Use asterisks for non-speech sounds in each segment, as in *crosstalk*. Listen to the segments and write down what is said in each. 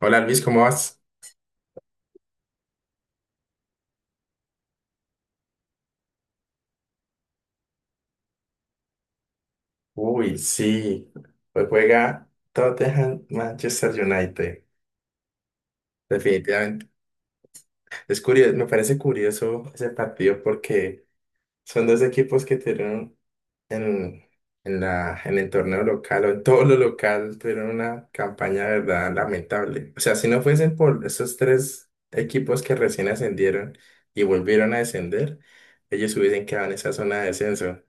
Hola Luis, ¿cómo vas? Uy, sí, hoy juega Tottenham Manchester United, definitivamente. Es curioso, me parece curioso ese partido porque son dos equipos que tuvieron en, en el torneo local o en todo lo local tuvieron una campaña de verdad lamentable. O sea, si no fuesen por esos tres equipos que recién ascendieron y volvieron a descender, ellos hubiesen quedado en esa zona de descenso.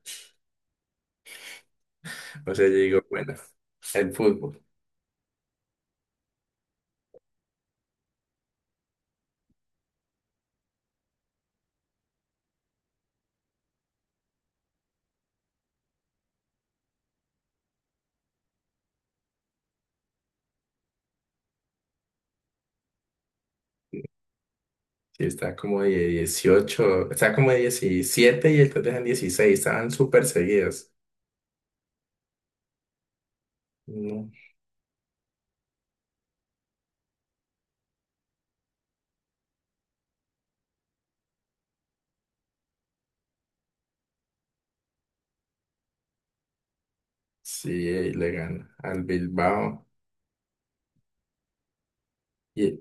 O sea, yo digo, bueno, el fútbol. Sí, está como de 18, está como de 17 y entonces en 16 estaban súper seguidos. No. Sí, y le gana al Bilbao y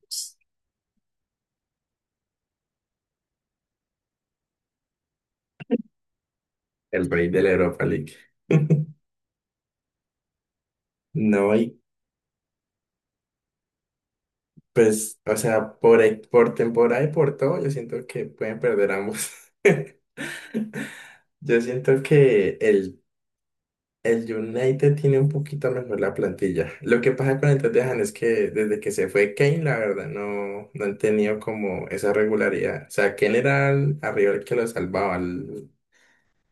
pues, el rey de la Europa League. *laughs* No, y pues, o sea, por temporada y por todo, yo siento que pueden perder ambos. *laughs* Yo siento que el United tiene un poquito mejor la plantilla. Lo que pasa con el Tottenham es que desde que se fue Kane, la verdad, no han tenido como esa regularidad. O sea, Kane era arriba el que lo salvaba.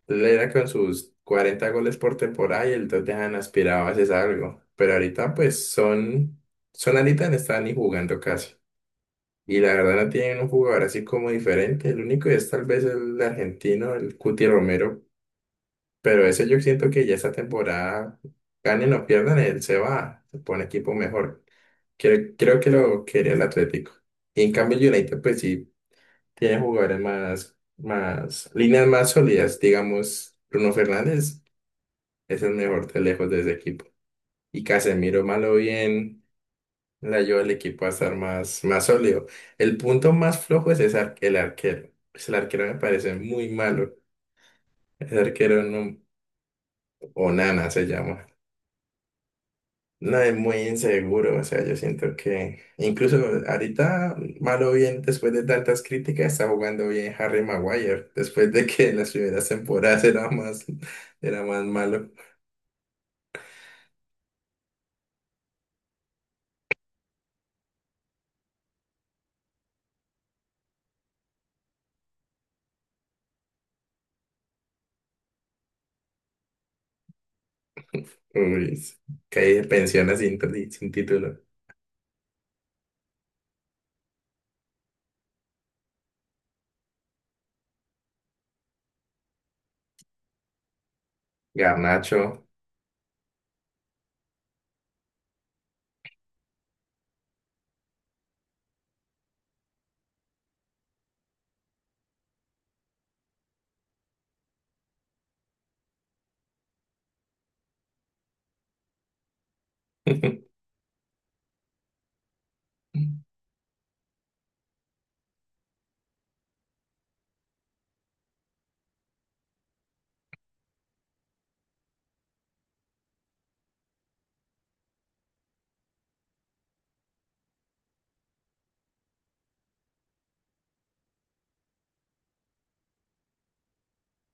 Él era con sus 40 goles por temporada y el Tottenham aspiraba a hacer algo. Pero ahorita pues son, son ahorita no están ni jugando casi. Y la verdad no tienen un jugador así como diferente. El único es tal vez el argentino, el Cuti Romero, pero eso yo siento que ya esta temporada, ganen o pierdan, él se va, se pone equipo mejor. Creo que lo quería el Atlético. Y en cambio el United pues sí tiene jugadores líneas más sólidas. Digamos, Bruno Fernández es el mejor de lejos de ese equipo. Y Casemiro, malo bien, le ayuda al equipo a estar más sólido. El punto más flojo es ese el arquero. Pues, el arquero me parece muy malo. El arquero no, Onana se llama. No, es muy inseguro, o sea, yo siento que incluso ahorita, malo bien, después de tantas críticas, está jugando bien Harry Maguire, después de que en las primeras temporadas *laughs* era más malo. Uy, caí de pensiones así, sin título. Garnacho. *laughs*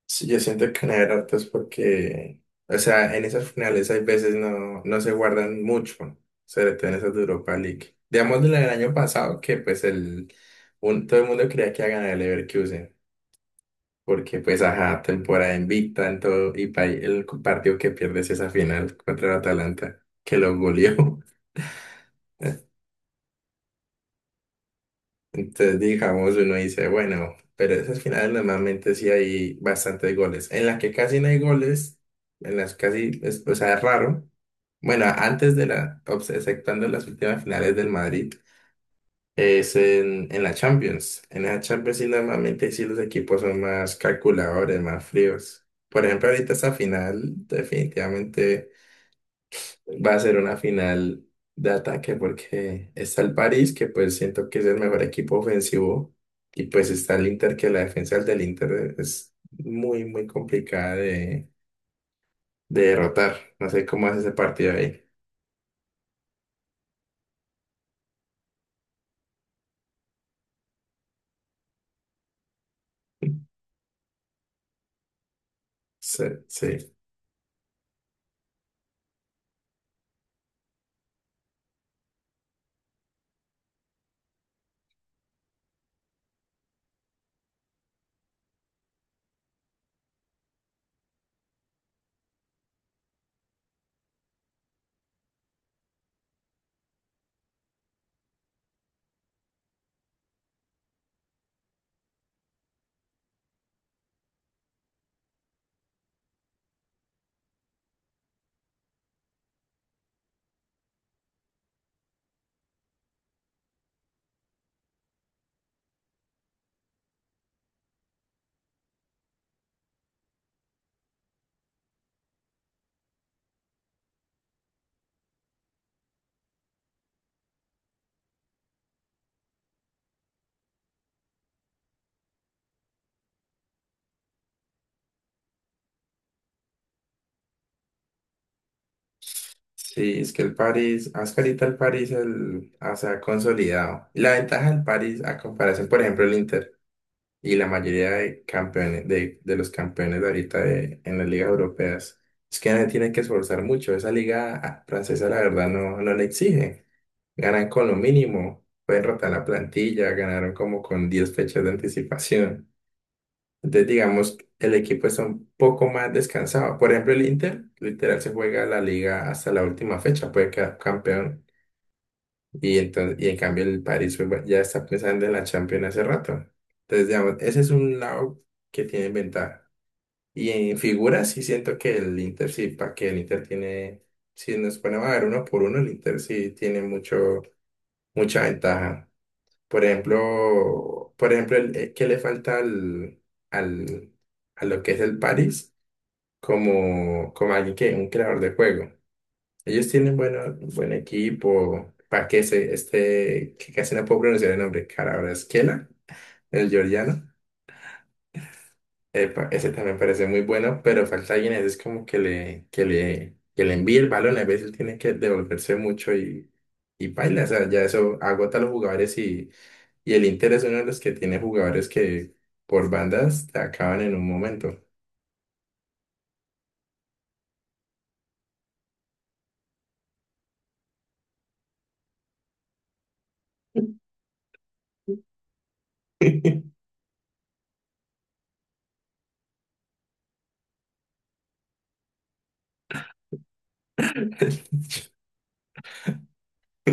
Sí, yo siento que una de es porque, o sea, en esas finales hay veces no se guardan mucho, sobre todo en esas de Europa League. Digamos la del año pasado, que todo el mundo creía que iba a ganar el Leverkusen, porque pues ajá, temporada invicta en todo, y el partido que pierdes esa final contra el Atalanta, que lo goleó. *laughs* Entonces, digamos, uno dice, bueno, pero esas finales normalmente sí hay bastantes goles. En las que casi no hay goles, en las casi, es- O sea, es raro. Bueno, antes de la, obs- exceptuando las últimas finales del Madrid, es en la Champions. En la Champions sí normalmente sí los equipos son más calculadores, más fríos. Por ejemplo, ahorita esta final definitivamente va a ser una final de ataque porque está el París, que pues siento que es el mejor equipo ofensivo, y pues está el Inter, que la defensa del Inter es muy complicada de derrotar. No sé cómo hace ese partido ahí. Sí, sí. Sí, es que el París, hasta ahorita el París se ha consolidado. Y la ventaja del París, a comparación, por ejemplo, el Inter y la mayoría de campeones, de los campeones de ahorita en las ligas europeas, es que no se tienen que esforzar mucho. Esa liga ah, francesa, la verdad, no le exige. Ganan con lo mínimo, pueden rotar la plantilla, ganaron como con 10 fechas de anticipación. Entonces, digamos, el equipo está un poco más descansado. Por ejemplo, el Inter, literal, se juega la liga hasta la última fecha, puede quedar campeón. Y en cambio, el París pues, bueno, ya está pensando en la Champions hace rato. Entonces, digamos, ese es un lado que tiene ventaja. Y en figuras, sí siento que el Inter, sí, para que el Inter tiene, si nos ponemos a ver uno por uno, el Inter sí tiene mucha ventaja. Por ejemplo, ¿qué le falta al, a lo que es el Paris como, como alguien que un creador de juego? Ellos tienen bueno, buen equipo, para que se, este, que casi no puedo pronunciar el nombre, Kvaratskhelia, el georgiano. Epa, ese también parece muy bueno, pero falta alguien, ese es como que le envíe el balón, a veces tiene que devolverse mucho y baila, o sea, ya eso agota a los jugadores. Y el Inter es uno de los que tiene jugadores que por bandas te acaban en un momento. *laughs*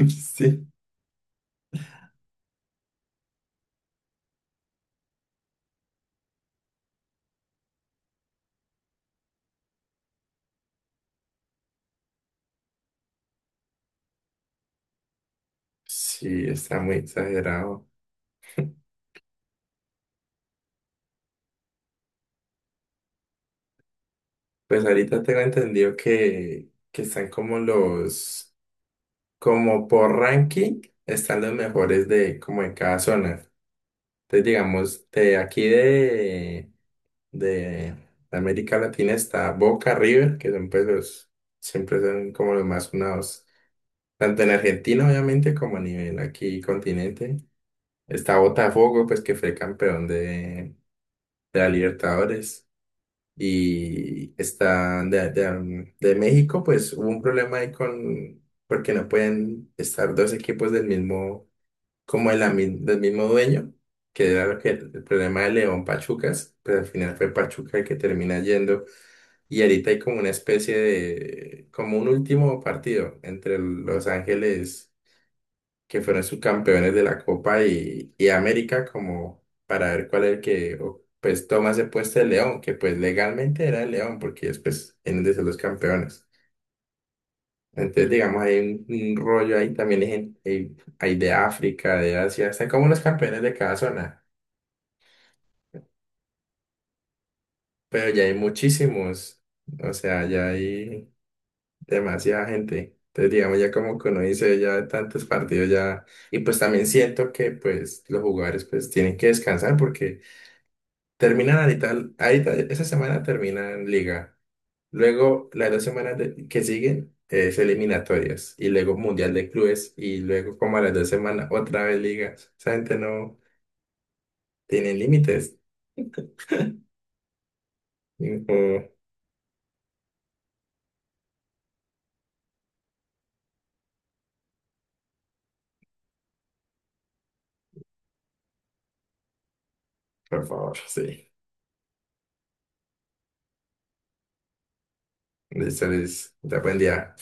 Sí, sí, está muy exagerado. Pues ahorita tengo entendido que están como como por ranking, están los mejores de como en cada zona. Entonces, digamos, de América Latina está Boca, River, que son pues los, siempre son como los más sonados. Tanto en Argentina, obviamente, como a nivel aquí continente. Está Botafogo, pues que fue campeón de la Libertadores. Y está de México, pues hubo un problema ahí con, porque no pueden estar dos equipos del mismo, como del mismo dueño, que era lo que, el problema de León Pachucas, pero al final fue Pachuca el que termina yendo. Y ahorita hay como una especie de, como un último partido entre Los Ángeles que fueron subcampeones de la Copa y América como para ver cuál es el que o, pues toma ese puesto de León, que pues legalmente era el León porque ellos pues en de ser los campeones. Entonces digamos hay un rollo ahí también hay, gen- Hay de África, de Asia, están como los campeones de cada zona, pero ya hay muchísimos, o sea, ya hay demasiada gente. Entonces, digamos, ya como que uno dice, ya tantos partidos ya, y pues también siento que pues los jugadores pues tienen que descansar porque terminan ahorita, ahorita esa semana terminan liga. Luego, las dos semanas que siguen es eliminatorias y luego Mundial de Clubes y luego como a las dos semanas otra vez liga. Esa gente no tiene límites. Y, oh, por favor, sí. Listo, Luis. Te buen día.